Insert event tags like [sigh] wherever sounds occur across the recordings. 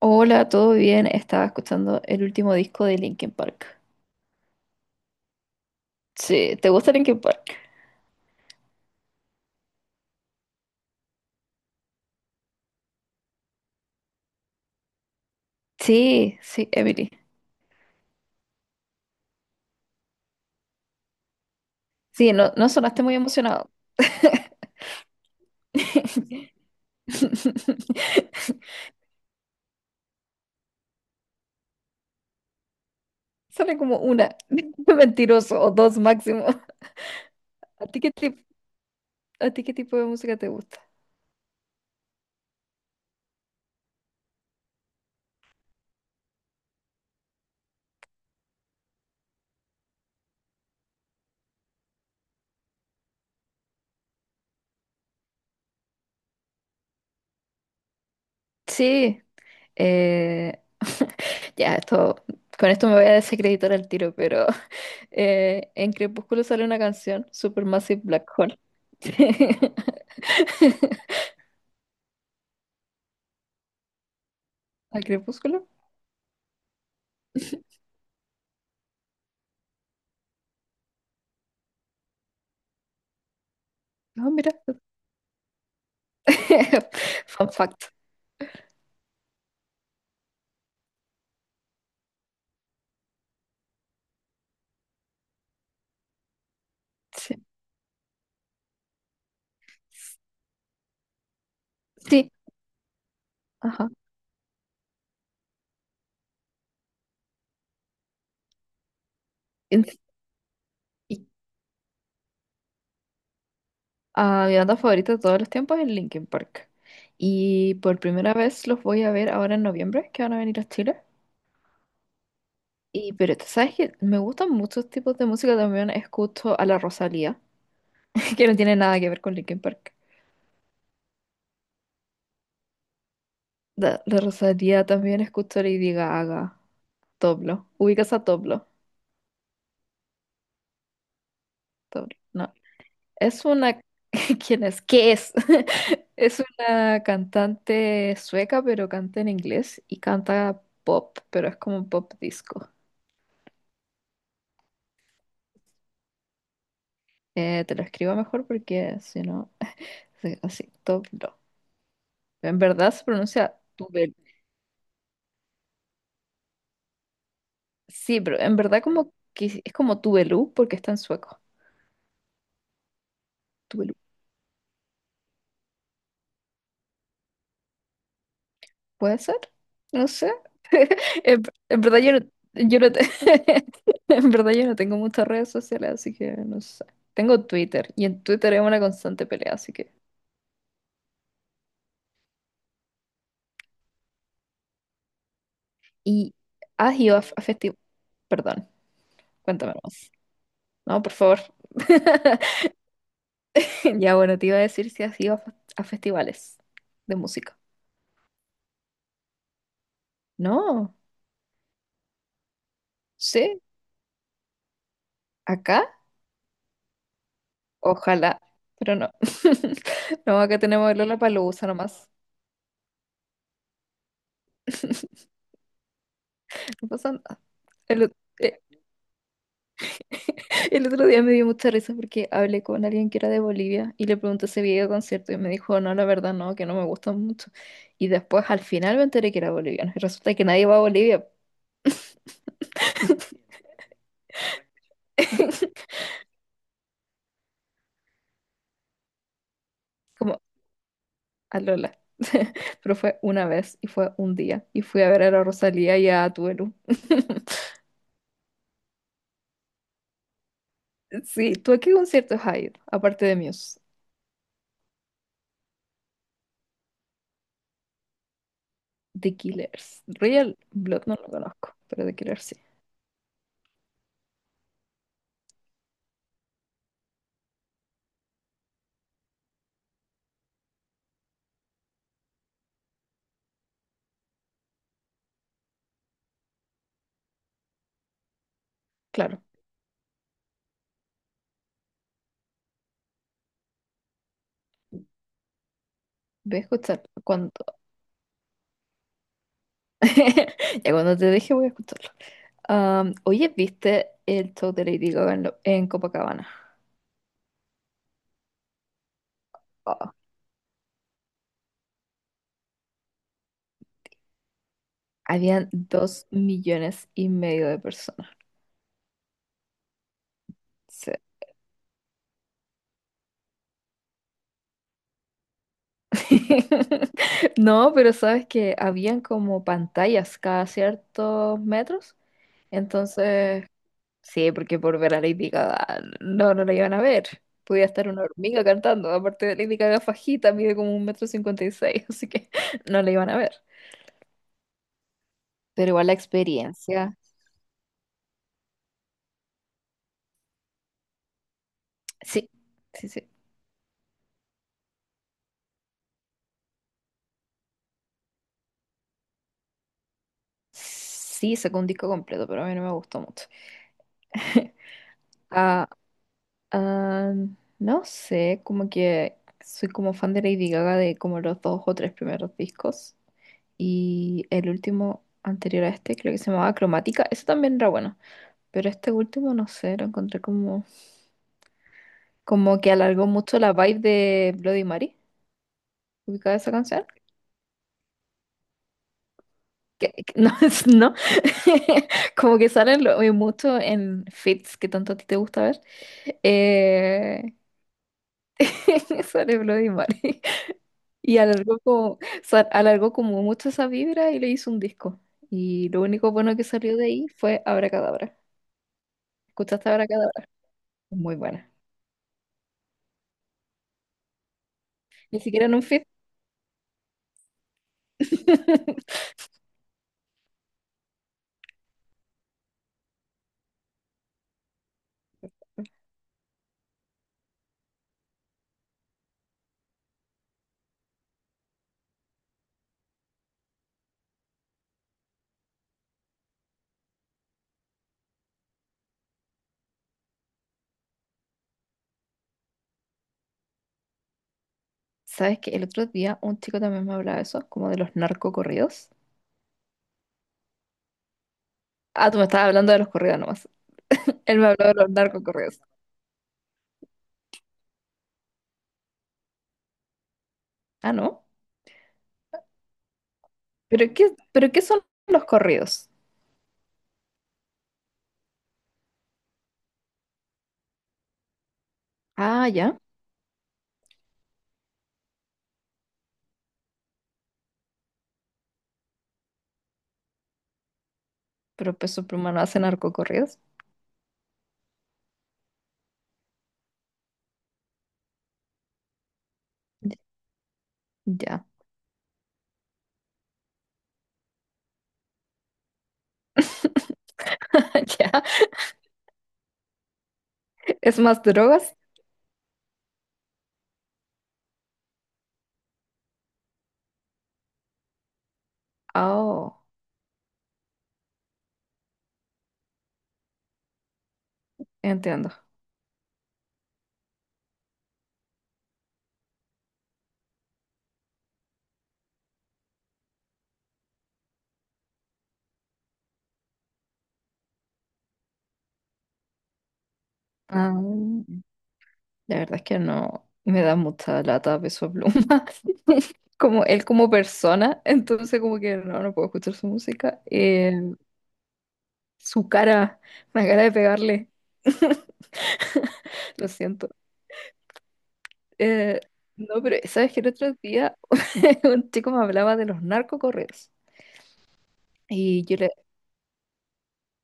Hola, ¿todo bien? Estaba escuchando el último disco de Linkin Park. Sí, ¿te gusta Linkin Park? Sí, sí, Emily. Sí, no, no sonaste muy emocionado. [laughs] Sale como una, [laughs] mentiroso, o dos máximo. [laughs] ¿A ti qué tipo, ¿A ti qué tipo de música te gusta? Sí, eh, [laughs] ya, esto, con esto me voy a desacreditar al tiro, pero [laughs] en Crepúsculo sale una canción, Supermassive Black Hole. [laughs] [laughs] ¿Al crepúsculo? No, mira. [laughs] Fun fact. Sí. Sí, ajá. En- y- Mi banda favorita de todos los tiempos es Linkin Park. Y por primera vez los voy a ver ahora en noviembre, que van a venir a Chile. Y pero tú sabes que me gustan muchos tipos de música. También escucho a la Rosalía, [laughs] que no tiene nada que ver con Linkin Park. La Rosalía, también escucho a Lady Gaga, Toblo. ¿Ubicas a Toblo? Toblo, no. Es una... [laughs] ¿Quién es? ¿Qué es? [laughs] Es una cantante sueca, pero canta en inglés y canta pop, pero es como un pop disco. Te lo escribo mejor porque si no, [laughs] sí, así, top no. En verdad se pronuncia Tubel. Sí, pero en verdad como que es como Tubelú porque está en sueco. ¿Puede ser? No sé. [laughs] En, en verdad yo no, yo no te- [laughs] en verdad yo no tengo muchas redes sociales, así que no sé. Tengo Twitter y en Twitter es una constante pelea, así que. Y has ido a, f- a festivales. Perdón, cuéntame más. No, por favor. [laughs] Ya bueno, te iba a decir si has ido a, a festivales de música. No, sí, acá, ojalá, pero no. [laughs] No, acá tenemos el Lollapalooza nomás. [laughs] No pasa nada. El, [laughs] El otro día me dio mucha risa porque hablé con alguien que era de Bolivia y le pregunté si había ido a concierto y me dijo, no, la verdad no, que no me gustan mucho. Y después al final me enteré que era boliviano y resulta que nadie va a Bolivia. [laughs] Como a Lola. [laughs] Pero fue una vez y fue un día y fui a ver a la Rosalía y a Tuelu. [laughs] Sí, ¿tú a qué conciertos has ido? Aparte de Muse, The Killers. Royal Blood no lo conozco, pero The Killers sí. Claro, voy a escuchar. [laughs] Ya cuando te deje voy a escucharlo. Am, oye, ¿viste el show de Lady Gaga en, en Copacabana? Oh, habían 2.500.000 de personas. Sí. [laughs] No, pero sabes que habían como pantallas cada ciertos metros. Entonces, sí, porque por ver a Lady Gaga no, no la iban a ver. Podía estar una hormiga cantando. Aparte de Lady Gaga fajita, mide como 1,56 m, así que [laughs] no la iban a ver. Pero igual la experiencia. Sí, sí, sí. Sí, sacó un disco completo, pero a mí no me gustó mucho. [laughs] Ah, ah, no sé, como que soy como fan de Lady Gaga de como los dos o tres primeros discos. Y el último anterior a este, creo que se llamaba Cromática, eso también era bueno. Pero este último, no sé, lo encontré como, como que alargó mucho la vibe de Bloody Mary. ¿Ubicada esa canción? [laughs] No, no. [laughs] Como que salen mucho en feeds que tanto a ti te gusta ver. Eh, [laughs] sale Bloody Mary. Y alargó como, alargó como mucho esa vibra y le hizo un disco. Y lo único bueno que salió de ahí fue Abracadabra. ¿Escuchaste Abracadabra? Muy buena. Ni siquiera en un feed. [laughs] ¿Sabes que el otro día un chico también me hablaba de eso, como de los narcocorridos? Ah, tú me estabas hablando de los corridos nomás. Él me habló de los narcocorridos. Ah, ¿no? Pero qué son los corridos? Ah, ya. Pero Peso Pluma no hace narcocorridos. Ya. Ya. [laughs] Ya. ¿Es más drogas? Oh, entiendo. Ah, la verdad es que no me da mucha lata Peso Pluma. [laughs] Como él como persona, entonces como que no, no puedo escuchar su música. Su cara, la cara de pegarle. [laughs] Lo siento. Eh, no, pero sabes que el otro día [laughs] un chico me hablaba de los narcocorridos. Y yo le,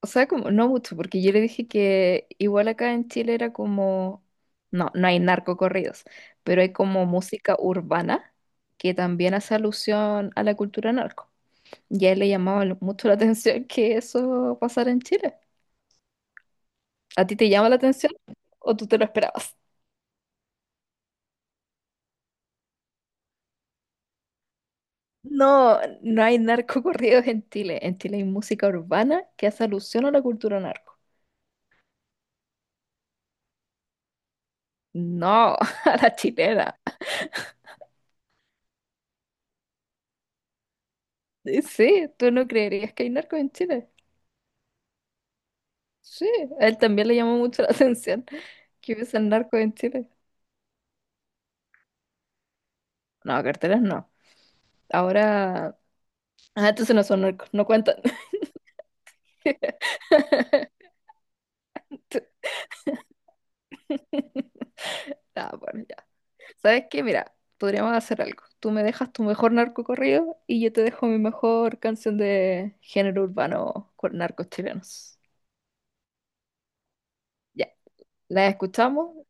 o sea, como, no mucho, porque yo le dije que igual acá en Chile era como, no, no hay narcocorridos, pero hay como música urbana que también hace alusión a la cultura narco. Y a él le llamaba mucho la atención que eso pasara en Chile. ¿A ti te llama la atención o tú te lo esperabas? No, no hay narcocorridos en Chile. En Chile hay música urbana que hace alusión a la cultura narco. No, [laughs] a la chilena. Sí, tú no creerías que hay narco en Chile. Sí, a él también le llamó mucho la [laughs] atención que hubiesen narco en Chile. No, carteras no. Ahora. Ah, entonces no son narcos, no cuentan. [laughs] Ah, bueno, ya. ¿Sabes qué? Mira, podríamos hacer algo. Tú me dejas tu mejor narco corrido y yo te dejo mi mejor canción de género urbano con narcos chilenos. Ya, la escuchamos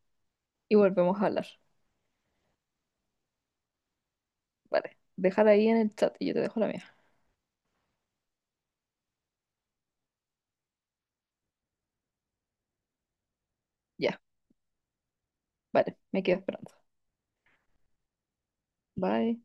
y volvemos a hablar. Vale, déjala ahí en el chat y yo te dejo la mía. Ya, vale, me quedo esperando. Bye.